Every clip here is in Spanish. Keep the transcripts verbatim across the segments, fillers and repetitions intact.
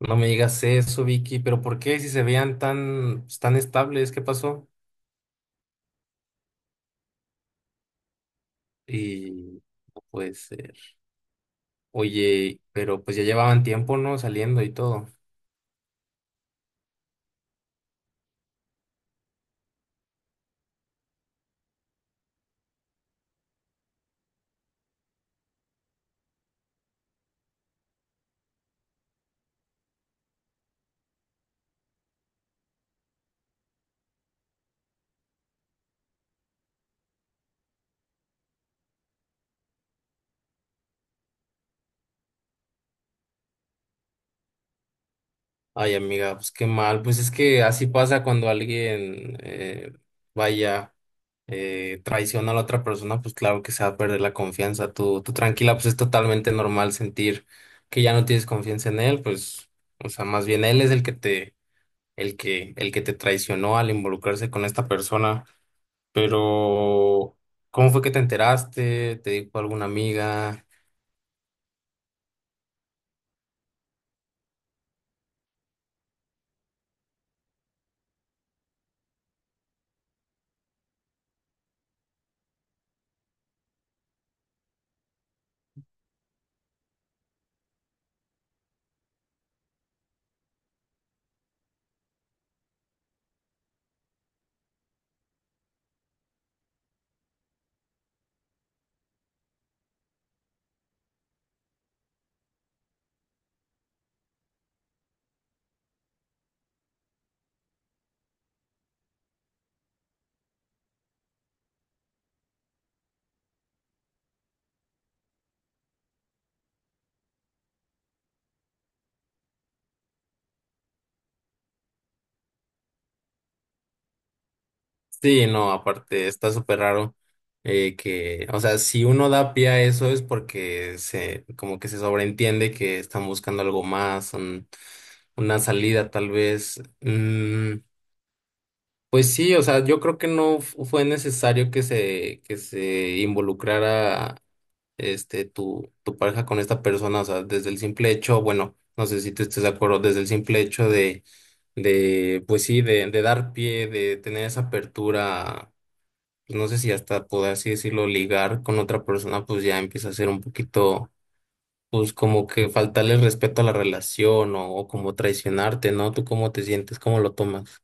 No me digas eso, Vicky, pero ¿por qué si se veían tan, pues, tan estables? ¿Qué pasó? Y no puede ser. Oye, pero pues ya llevaban tiempo, ¿no? Saliendo y todo. Ay, amiga, pues qué mal. Pues es que así pasa cuando alguien eh, vaya, eh, traiciona a la otra persona, pues claro que se va a perder la confianza. Tú, tú tranquila, pues es totalmente normal sentir que ya no tienes confianza en él, pues, o sea, más bien él es el que te, el que, el que te traicionó al involucrarse con esta persona. Pero, ¿cómo fue que te enteraste? ¿Te dijo alguna amiga? Sí, no, aparte está súper raro, eh, que, o sea, si uno da pie a eso es porque se, como que se sobreentiende que están buscando algo más, un- una salida tal vez. Mm, pues sí, o sea, yo creo que no fu- fue necesario que se, que se involucrara, este, tu, tu pareja con esta persona, o sea, desde el simple hecho, bueno, no sé si tú estés de acuerdo, desde el simple hecho de, de, pues sí, de, de dar pie, de tener esa apertura, pues no sé si hasta poder así decirlo, ligar con otra persona, pues ya empieza a ser un poquito, pues como que faltarle respeto a la relación o, o como traicionarte, ¿no? ¿Tú cómo te sientes? ¿Cómo lo tomas?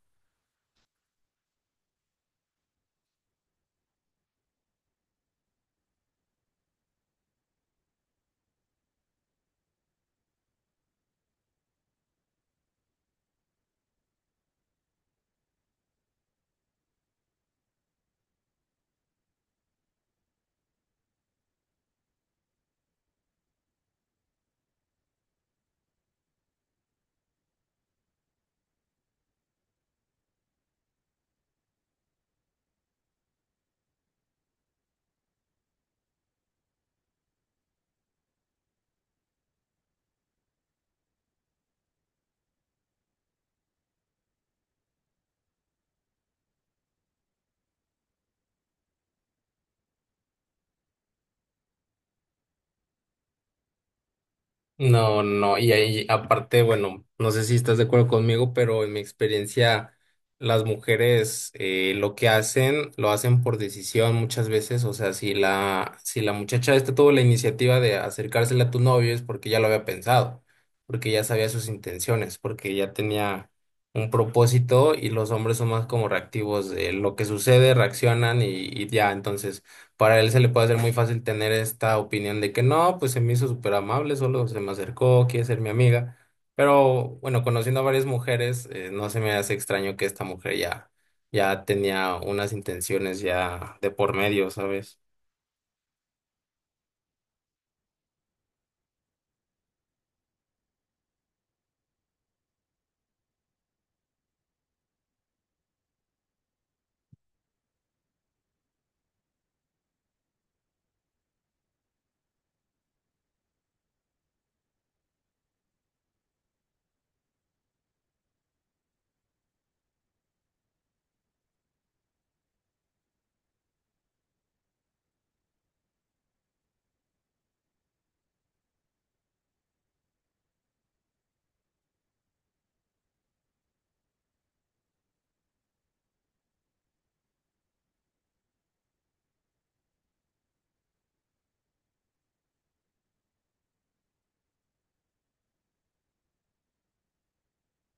No, no, y ahí aparte, bueno, no sé si estás de acuerdo conmigo, pero en mi experiencia, las mujeres, eh, lo que hacen, lo hacen por decisión muchas veces. O sea, si la, si la muchacha esta tuvo la iniciativa de acercársela a tu novio es porque ya lo había pensado, porque ya sabía sus intenciones, porque ya tenía un propósito, y los hombres son más como reactivos de lo que sucede, reaccionan y, y ya, entonces para él se le puede hacer muy fácil tener esta opinión de que no, pues se me hizo súper amable, solo se me acercó, quiere ser mi amiga. Pero bueno, conociendo a varias mujeres, eh, no se me hace extraño que esta mujer ya, ya tenía unas intenciones ya de por medio, ¿sabes?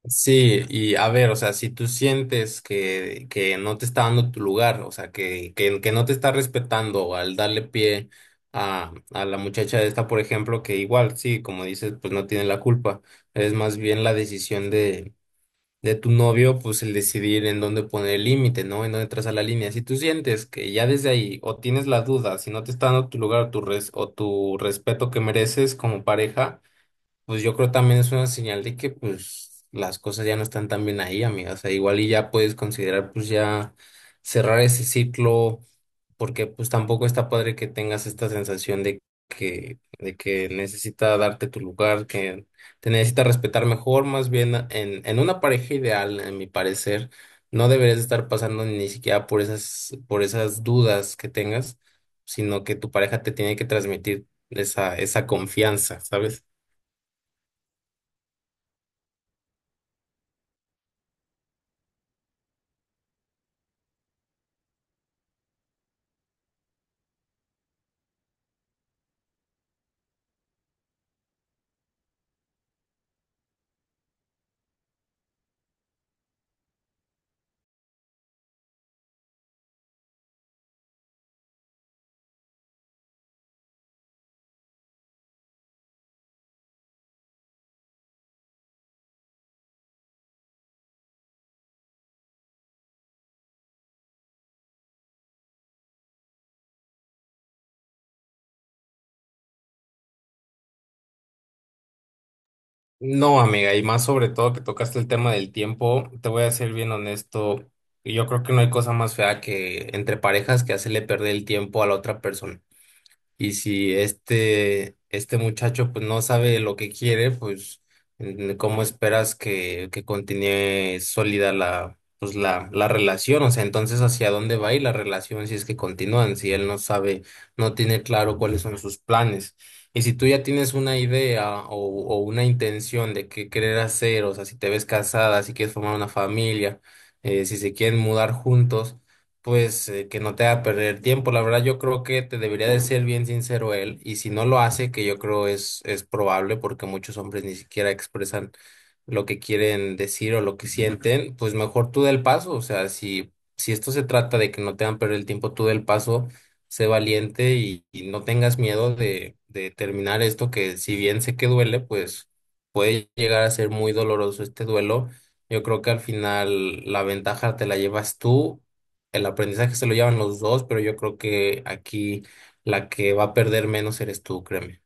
Sí, y a ver, o sea, si tú sientes que, que no te está dando tu lugar, o sea, que, que, que no te está respetando al darle pie a, a la muchacha esta, por ejemplo, que igual, sí, como dices, pues no tiene la culpa, es más bien la decisión de, de tu novio, pues el decidir en dónde poner el límite, ¿no? En dónde trazar la línea. Si tú sientes que ya desde ahí o tienes la duda, si no te está dando tu lugar o tu, res- o tu respeto que mereces como pareja, pues yo creo también es una señal de que pues las cosas ya no están tan bien ahí, amiga. O sea, igual y ya puedes considerar pues ya cerrar ese ciclo, porque pues tampoco está padre que tengas esta sensación de que, de que necesita darte tu lugar, que te necesita respetar mejor, más bien en, en una pareja ideal, en mi parecer, no deberías estar pasando ni siquiera por esas, por esas dudas que tengas, sino que tu pareja te tiene que transmitir esa, esa confianza, ¿sabes? No, amiga, y más sobre todo que tocaste el tema del tiempo, te voy a ser bien honesto, yo creo que no hay cosa más fea que entre parejas que hacerle perder el tiempo a la otra persona. Y si este, este muchacho pues no sabe lo que quiere, pues, mm, ¿cómo esperas que, que continúe sólida la, pues, la, la relación? O sea, entonces ¿hacia dónde va a ir la relación si es que continúan? Si él no sabe, no tiene claro cuáles son sus planes. Y si tú ya tienes una idea o, o una intención de qué querer hacer, o sea, si te ves casada, si quieres formar una familia, eh, si se quieren mudar juntos, pues eh, que no te haga perder tiempo. La verdad, yo creo que te debería de ser bien sincero él, y si no lo hace, que yo creo es, es probable porque muchos hombres ni siquiera expresan lo que quieren decir o lo que sienten, pues mejor tú da el paso. O sea, si, si esto se trata de que no te hagan perder el tiempo, tú da el paso, sé valiente y, y no tengas miedo de, de terminar esto, que si bien sé que duele, pues puede llegar a ser muy doloroso este duelo. Yo creo que al final la ventaja te la llevas tú, el aprendizaje se lo llevan los dos, pero yo creo que aquí la que va a perder menos eres tú, créeme.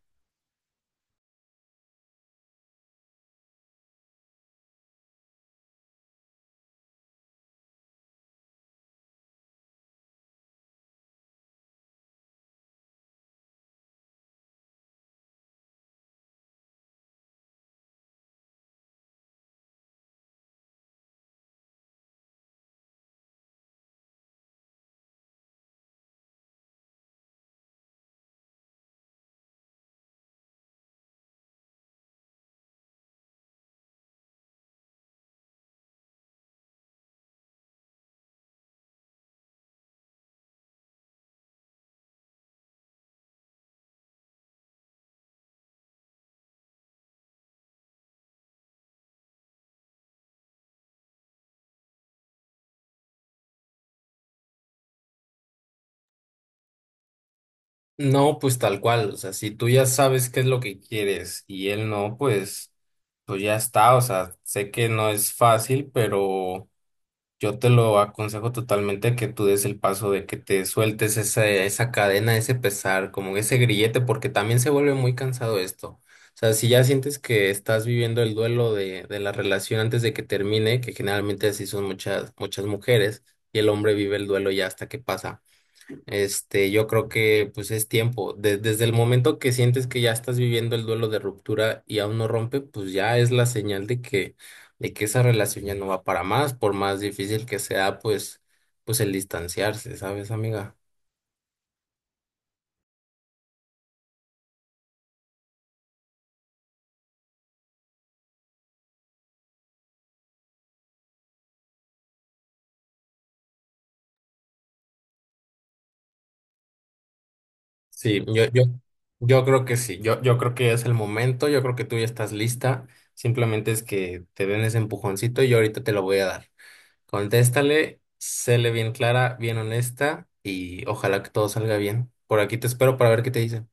No, pues tal cual, o sea, si tú ya sabes qué es lo que quieres y él no, pues, pues ya está, o sea, sé que no es fácil, pero... Yo te lo aconsejo totalmente que tú des el paso de que te sueltes esa, esa cadena, ese pesar, como ese grillete, porque también se vuelve muy cansado esto. O sea, si ya sientes que estás viviendo el duelo de, de la relación antes de que termine, que generalmente así son muchas, muchas mujeres, y el hombre vive el duelo ya hasta que pasa. Este, yo creo que pues es tiempo. De- desde el momento que sientes que ya estás viviendo el duelo de ruptura y aún no rompe, pues ya es la señal de que, de que esa relación ya no va para más, por más difícil que sea, pues, pues el distanciarse, ¿sabes, amiga? Sí, yo, yo, yo, creo que sí. Yo, yo creo que es el momento, yo creo que tú ya estás lista. Simplemente es que te den ese empujoncito y yo ahorita te lo voy a dar. Contéstale, séle bien clara, bien honesta y ojalá que todo salga bien. Por aquí te espero para ver qué te dice.